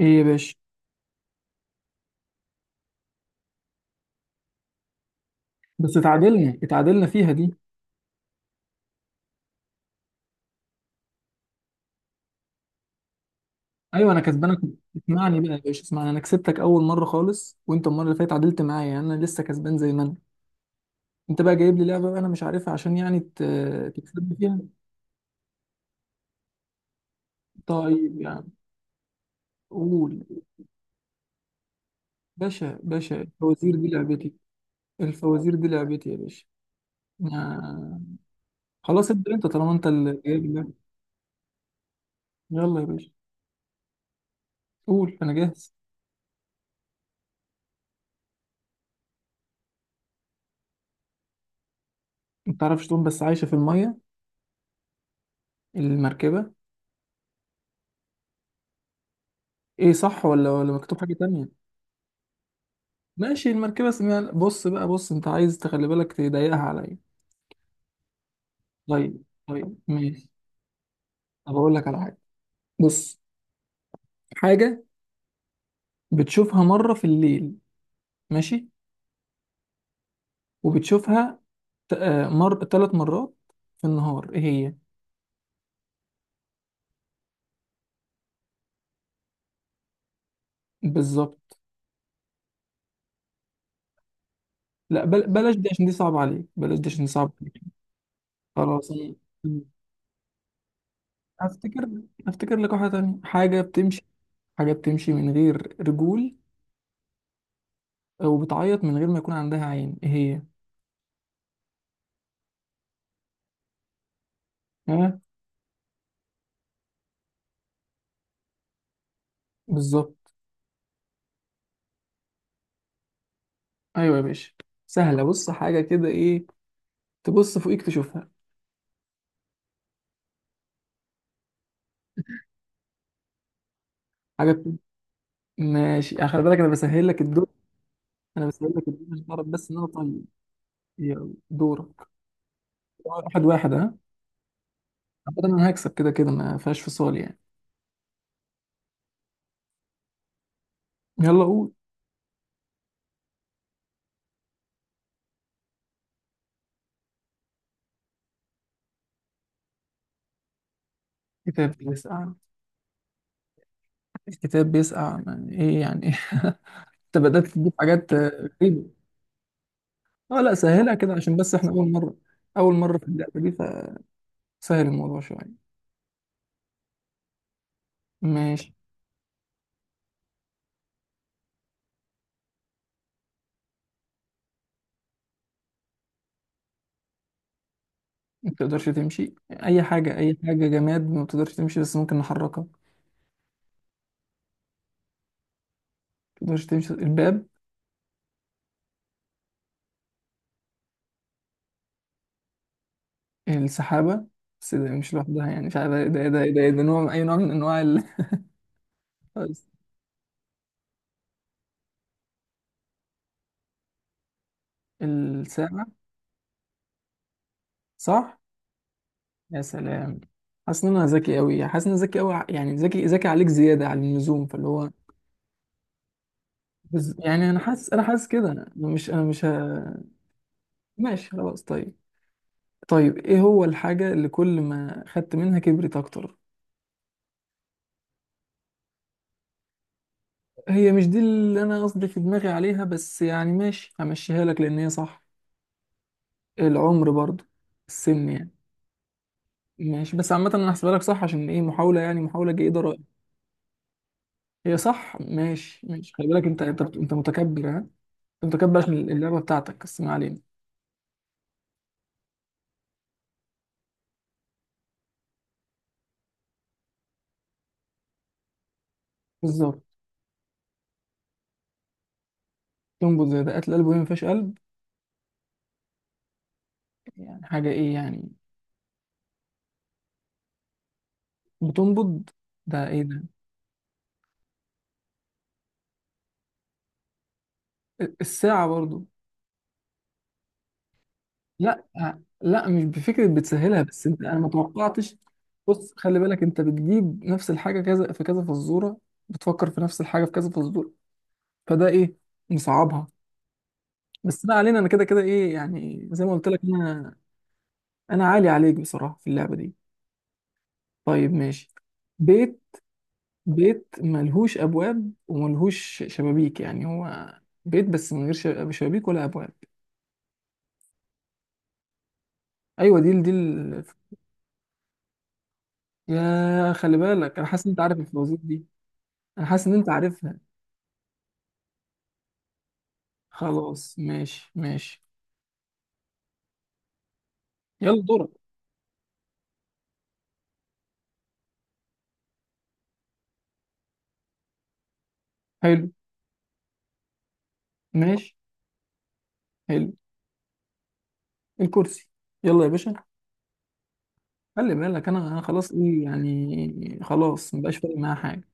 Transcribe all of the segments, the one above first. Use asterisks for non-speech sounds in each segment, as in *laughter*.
ايه يا باشا. بس اتعادلنا فيها دي. ايوه انا كسبانك. اسمعني بقى يا باشا، اسمعني. انا كسبتك اول مره خالص، وانت المره اللي فاتت اتعادلت معايا، يعني انا لسه كسبان زي ما انا. انت بقى جايب لي لعبه، بقى انا مش عارفها عشان يعني تكسبني فيها. طيب يعني، قول. باشا باشا، الفوازير دي لعبتي. الفوازير دي لعبتي يا باشا. ما- خلاص ابدا، انت طالما انت اللي جايب اللعبه. يلا يا باشا، قول انا جاهز. ما تعرفش تقوم بس عايشه في الميه. المركبه. ايه صح ولا مكتوب حاجه تانية؟ ماشي، المركبة اسمها. بص بقى، بص انت عايز تخلي بالك تضيقها عليا. طيب طيب، ماشي. طب اقول لك على حاجة. بص. حاجة بتشوفها مرة في الليل، ماشي، وبتشوفها مر ثلاث مرات في النهار، ايه هي؟ بالظبط. لا بلاش دي عشان دي صعبة عليك، بلاش دي عشان دي صعبة عليك. خلاص انا هفتكر هفتكر لك واحدة تانية. حاجة بتمشي، حاجة بتمشي من غير رجول وبتعيط من غير ما يكون عندها عين، ايه هي؟ ها. بالظبط. ايوه يا باشا. سهله، بص حاجه كده ايه. تبص فوقيك تشوفها. حاجه بت- ماشي، خلي بالك انا بسهل لك الدور. انا بسهل لك الدور، مش تعرف بس ان انا طيب. يلا دورك. واحد واحد، ها. أعتقد انا هكسب كده كده، ما فيهاش فصال يعني. يلا قول. كتاب بيسقع؟ الكتاب بيسقع يعني ايه يعني *laughs* إيه؟ انت بدات تجيب حاجات غريبه. اه لا، سهلها كده عشان بس احنا اول مره، اول مره في اللعبه دي، فسهل الموضوع شويه. ماشي. ما تقدرش تمشي اي حاجه، اي حاجه جماد ما بتقدرش تمشي بس ممكن نحركها. تقدرش تمشي الباب. السحابة. بس ده مش لوحدها، يعني مش عارف ده نوع، أي نوع من أنواع ال... *laughs* الساعة. صح؟ يا سلام. حاسس إن أنا ذكي أوي، حاسس إن أنا ذكي أوي. يعني ذكي ذكي عليك زيادة على اللزوم، فاللي هو يعني أنا حاسس أنا حاسس كده، أنا مش أنا مش ه... ماشي خلاص طيب. طيب، إيه هو الحاجة اللي كل ما خدت منها كبرت أكتر؟ هي مش دي اللي أنا قصدي في دماغي عليها، بس يعني ماشي، همشيها لك لأن هي صح. العمر برضه، السن يعني. ماشي، بس عامة انا هحسبها لك صح عشان ايه، محاولة يعني، محاولة جيدة رأيي. هي صح، ماشي ماشي. خلي بالك انت متكبر، ها. انت متكبر عشان اللعبة بتاعتك، بس ما علينا. بالظبط. تنبض زي دقات القلب وهي ما فيهاش قلب. يعني حاجة ايه يعني؟ بتنبض. ده ايه ده؟ الساعة برضو. لا. لا، مش بفكرة بتسهلها، بس انت انا ما توقعتش. بص خلي بالك، انت بتجيب نفس الحاجة كذا في كذا فزورة، بتفكر في نفس الحاجة في كذا فزورة، فده ايه؟ مصعبها. بس ما علينا، انا كده كده ايه يعني، زي ما قلت لك انا، انا عالي عليك بصراحه في اللعبه دي. طيب ماشي. بيت. بيت ملهوش ابواب وملهوش شبابيك، يعني هو بيت بس من غير شبابيك ولا ابواب. ايوه يا خلي بالك، انا حاسس ان انت عارف الفوازير دي، انا حاسس ان انت عارفها. خلاص ماشي ماشي. يلا دورك. حلو. ماشي. حلو. الكرسي. يلا يا باشا. خلي بالك انا خلاص ايه يعني، خلاص مبقاش فارق معايا حاجه.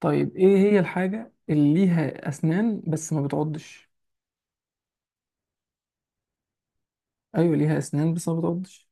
طيب، ايه هي الحاجة اللي ليها اسنان بس ما بتعضش؟ ايوه، ليها اسنان بس ما بتعضش.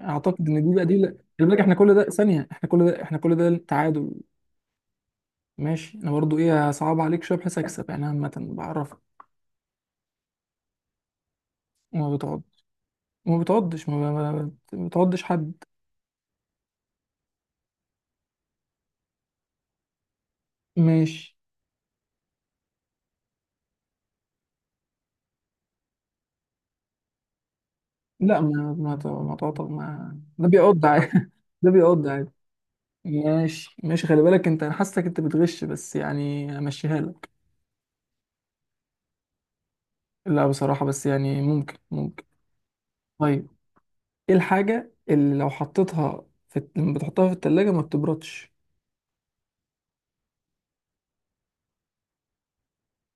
اعتقد ان دي بقى، دي لا. خلي بالك، احنا كل ده ثانية، احنا كل ده، احنا كل ده تعادل. ماشي، انا برضو ايه صعب عليك شوية بحيث اكسب يعني، عامة بعرفك. وما بتعض. ما بتعضش، ما بتعضش حد. ماشي. لا ما تعطى، ما ده بيعض عادي *laughs* ده بيعض عادي. ماشي ماشي، خلي بالك انت، انا حاسسك انت بتغش، بس يعني امشيها لك. لا بصراحة، بس يعني ممكن ممكن. طيب، ايه الحاجة اللي لو حطيتها في لما بتحطها في التلاجة ما بتبردش؟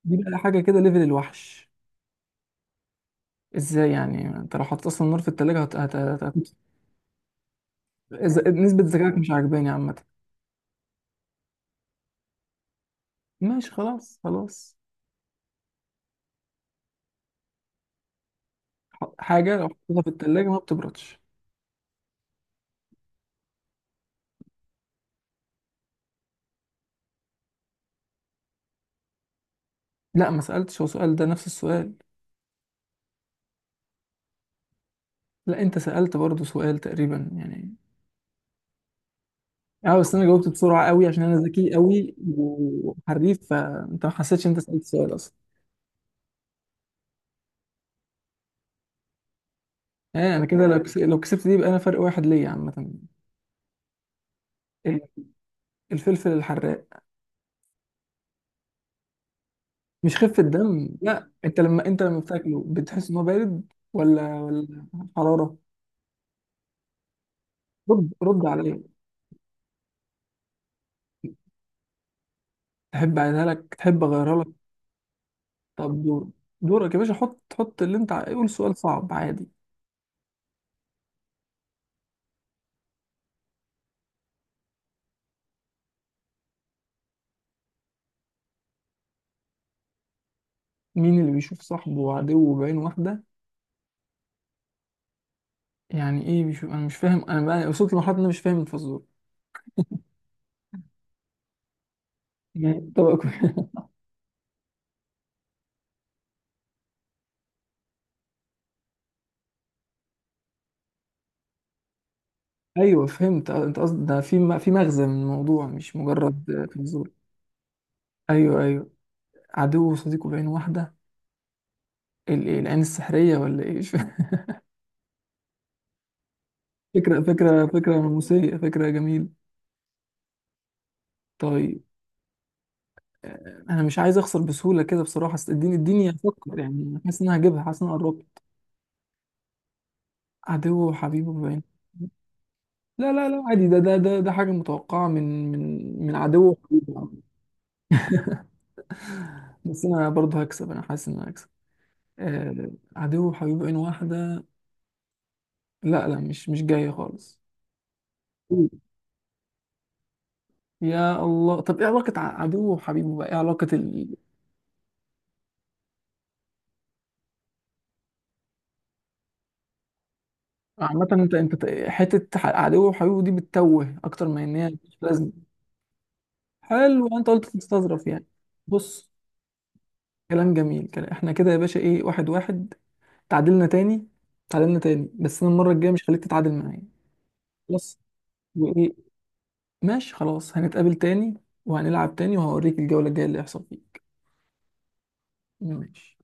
دي بقى حاجة كده ليفل الوحش. ازاي يعني، انت لو حطيت اصلا النار في التلاجة نسبة ذكائك مش عاجباني عامة. ماشي خلاص خلاص. حاجة لو حطيتها في التلاجة ما بتبردش. لا ما سألتش، هو سؤال ده نفس السؤال. لا انت سألت برضو سؤال تقريبا يعني. اه، بس انا جاوبت بسرعة قوي عشان انا ذكي قوي وحريف، فانت ما حسيتش إن انت سألت سؤال اصلا. يعني انا كده، لو كسبت دي يبقى انا فرق واحد ليا عامة. الفلفل الحراق. مش خفة دم لا، انت لما بتاكله بتحس ان هو بارد ولا حرارة. رد رد عليا. تحب اعيدها لك، تحب اغيرها لك؟ طب دور. دورك يا باشا، حط حط اللي انت قول سؤال صعب عادي. مين اللي بيشوف صاحبه وعدوه بعين واحدة؟ يعني ايه بيشوف؟ انا مش فاهم. انا بقى وصلت لمرحلة ان انا مش فاهم الفزورة. يعني *laughs* ايوه فهمت. انت قصدك ده في مغزى من الموضوع، مش مجرد فزورة. ايوه ايوه. عدو وصديقه بعين واحدة. إيه، العين السحرية ولا ايه؟ *laughs* فكرة، فكرة فكرة نموذجية، فكرة جميلة. طيب. أنا مش عايز أخسر بسهولة كده بصراحة، أصل اديني اديني أفكر يعني، حاسس إن أنا هجيبها، حاسس إن أنا قربت. عدو وحبيبه باين. لا لا لا، عادي، ده حاجة متوقعة من عدو وحبيبه. بس أنا برضه هكسب، أنا حاسس إن أنا هكسب. عدو وحبيبه عين واحدة. لا لا، مش جاية خالص. يا الله، طب إيه علاقة عدو وحبيبه بقى، إيه علاقة عامة أنت حتة عدو وحبيبه دي بتتوه أكتر، ما إن هي مش لازمة. حلو، انت قلت تستظرف يعني. بص. كلام جميل، كلام. احنا كده يا باشا ايه، واحد واحد، تعادلنا تاني. تعادلنا تاني، بس انا المره الجايه مش خليك تتعادل معايا. خلاص. وايه؟ ماشي خلاص، هنتقابل تاني وهنلعب تاني، وهوريك الجوله الجايه اللي هيحصل فيك. ماشي.